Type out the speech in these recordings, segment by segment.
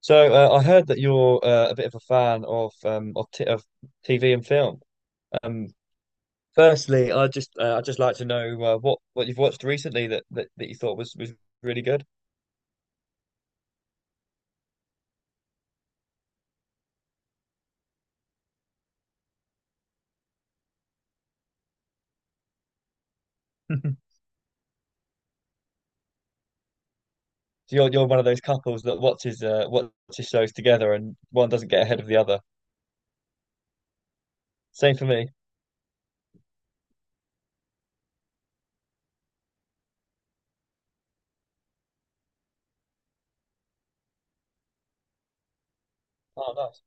I heard that you're a bit of a fan of, t of TV and film. Um, firstly, I just like to know what you've watched recently that you thought was really good. So you're one of those couples that watches watches shows together and one doesn't get ahead of the other. Same for me. Oh, nice.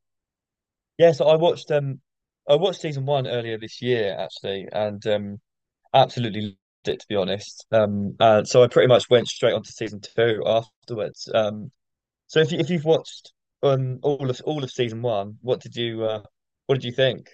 Yeah, so I watched season one earlier this year actually, and absolutely loved it to be honest. And so I pretty much went straight on to season two afterwards. So if you've watched all of season one, what did you think?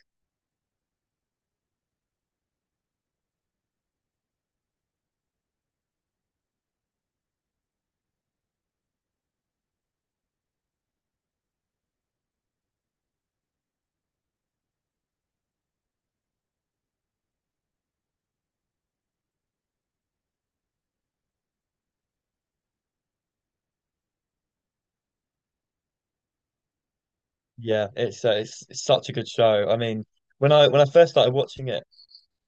Yeah, it's such a good show. I mean, when I first started watching it,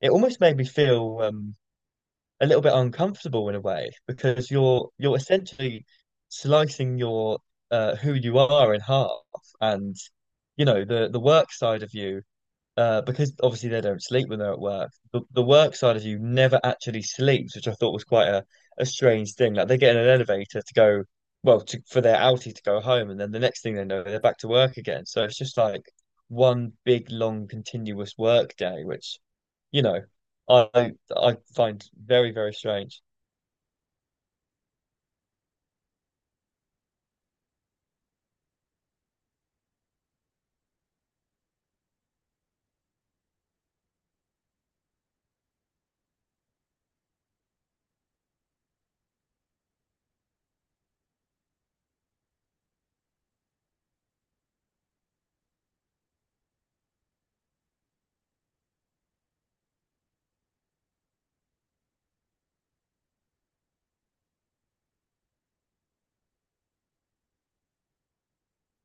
it almost made me feel a little bit uncomfortable in a way because you're essentially slicing your who you are in half, and you know the work side of you, because obviously they don't sleep when they're at work. The work side of you never actually sleeps, which I thought was quite a strange thing. Like they get in an elevator to go, well, to, for their outie to go home, and then the next thing they know, they're back to work again. So it's just like one big, long, continuous work day, which, you know, I find very, very strange.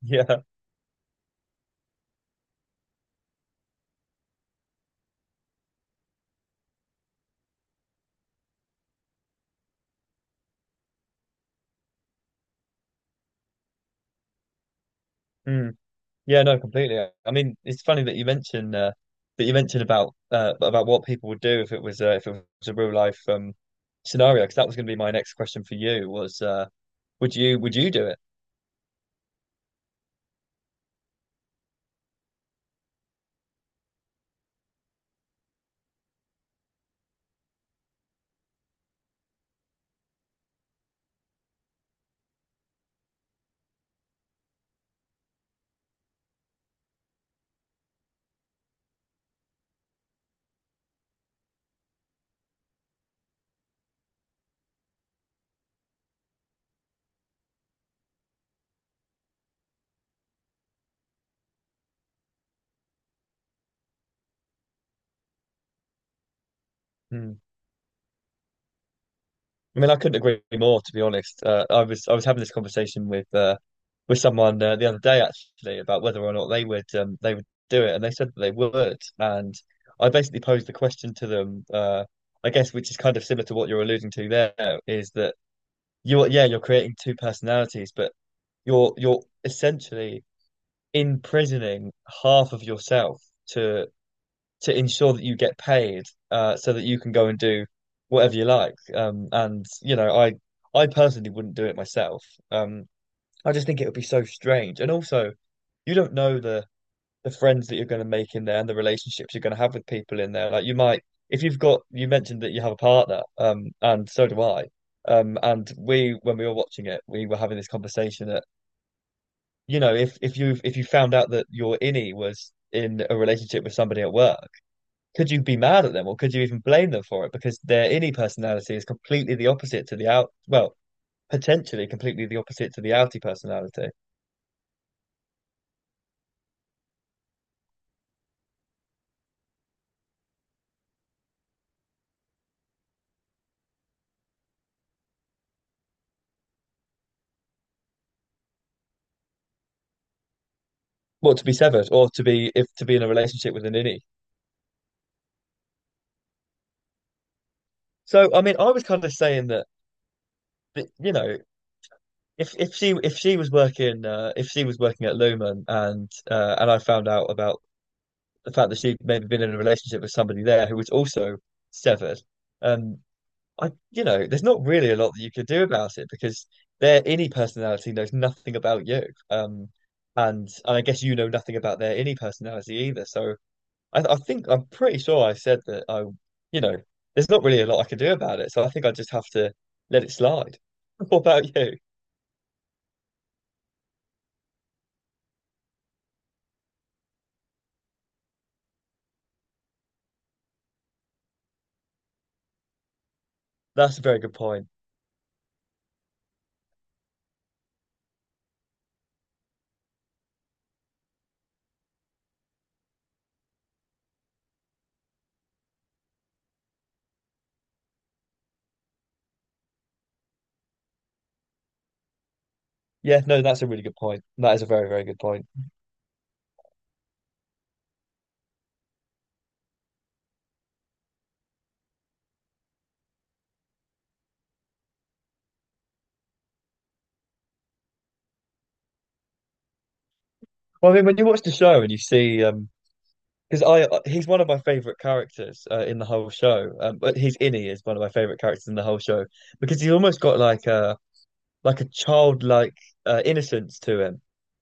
Yeah. Mm. Yeah, no, completely. I mean, it's funny that you mentioned about what people would do if it was a real life scenario. Because that was going to be my next question for you was would you do it? Hmm. I mean, I couldn't agree more, to be honest. I was having this conversation with someone the other day actually about whether or not they would they would do it, and they said that they would. And I basically posed the question to them, I guess, which is kind of similar to what you're alluding to there, is that you're yeah, you're creating two personalities, but you're essentially imprisoning half of yourself to ensure that you get paid, so that you can go and do whatever you like. And you know, I personally wouldn't do it myself. Um, I just think it would be so strange, and also you don't know the friends that you're going to make in there and the relationships you're going to have with people in there. Like you might, if you've got, you mentioned that you have a partner, and so do I. And we, when we were watching it, we were having this conversation that, you know, if you found out that your innie was in a relationship with somebody at work, could you be mad at them or could you even blame them for it? Because their innie personality is completely the opposite to the out, well, potentially completely the opposite to the outie personality. Well, to be severed or to be if to be in a relationship with an innie. So, I mean, I was kind of saying that, but you know, if she was working at Lumen and I found out about the fact that she'd maybe been in a relationship with somebody there who was also severed, um, I you know, there's not really a lot that you could do about it because their innie personality knows nothing about you, um, and I guess you know nothing about their innie personality either. So I think I'm pretty sure I said that I you know, there's not really a lot I can do about it, so I think I just have to let it slide. What about you? That's a very good point. Yeah, no, that's a really good point. That is a very, very good point. Well, I mean, when you watch the show and you see, because I he's one of my favorite characters in the whole show. But he's innie is one of my favorite characters in the whole show because he's almost got like a childlike innocence to him.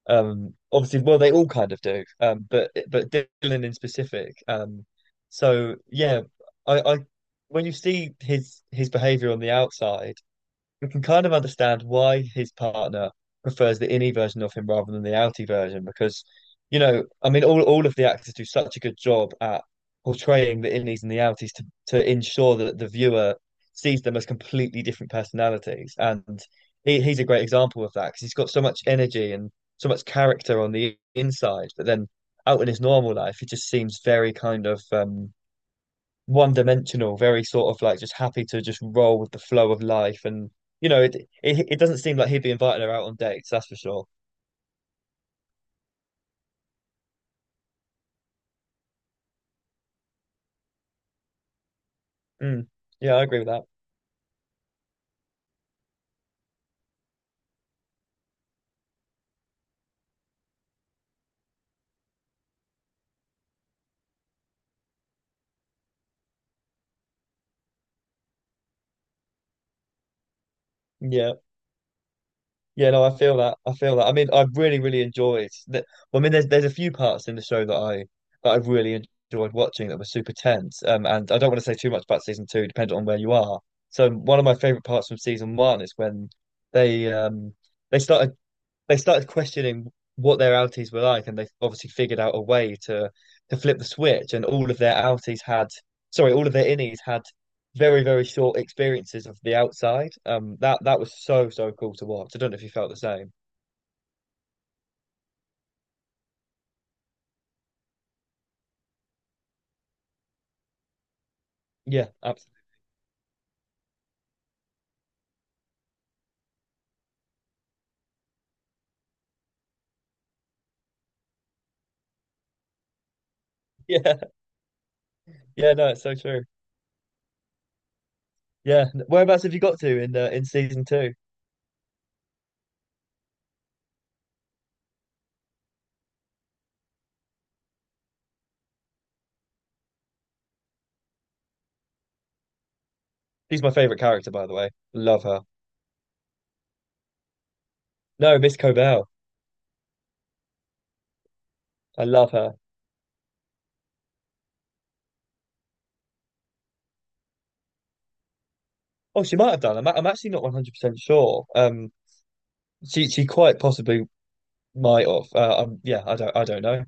Obviously, well, they all kind of do. But Dylan in specific. So yeah, I when you see his behavior on the outside, we can kind of understand why his partner prefers the innie version of him rather than the outie version because, you know, I mean, all of the actors do such a good job at portraying the innies and the outies to, ensure that the viewer sees them as completely different personalities. And he's a great example of that because he's got so much energy and so much character on the inside, but then out in his normal life, he just seems very kind of one dimensional, very sort of like just happy to just roll with the flow of life. And you know, it doesn't seem like he'd be inviting her out on dates, that's for sure. Mm. Yeah, I agree with that. Yeah. Yeah, no, I feel that. I mean, I really, really enjoyed that. Well, I mean, there's a few parts in the show that I've really enjoyed watching that were super tense. And I don't want to say too much about season two, depending on where you are. So one of my favorite parts from season one is when they um they start they started questioning what their outies were like, and they obviously figured out a way to flip the switch. And all of their outies had, sorry, all of their innies had very, very short experiences of the outside. That was so cool to watch. I don't know if you felt the same. Yeah, absolutely. Yeah, yeah. No, it's so true. Yeah. Whereabouts have you got to in season two? She's my favorite character, by the way. Love her. No, Miss Cobell. I love her. Oh, she might have done. I'm actually not 100% sure. She quite possibly might off, yeah, I don't, I don't know.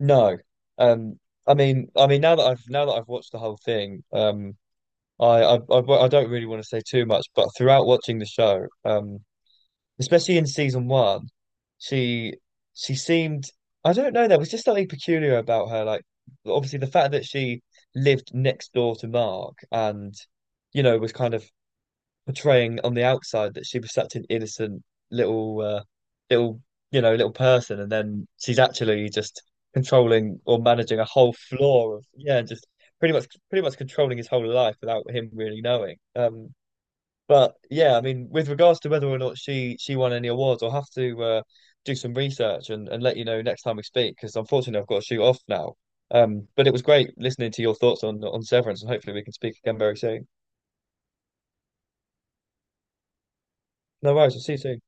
No. Um, I mean. I mean, now that I've watched the whole thing. Well, I don't really want to say too much, but throughout watching the show, especially in season one, she she seemed. I don't know. There was just something peculiar about her. Like, obviously, the fact that she lived next door to Mark and, you know, was kind of portraying on the outside that she was such an innocent little little you know, little person, and then she's actually just controlling or managing a whole floor of, yeah, just pretty much controlling his whole life without him really knowing. Um, but yeah, I mean, with regards to whether or not she won any awards, I'll have to do some research, and, let you know next time we speak, because unfortunately I've got to shoot off now. Um, but it was great listening to your thoughts on Severance, and hopefully we can speak again very soon. No worries, I'll see you soon.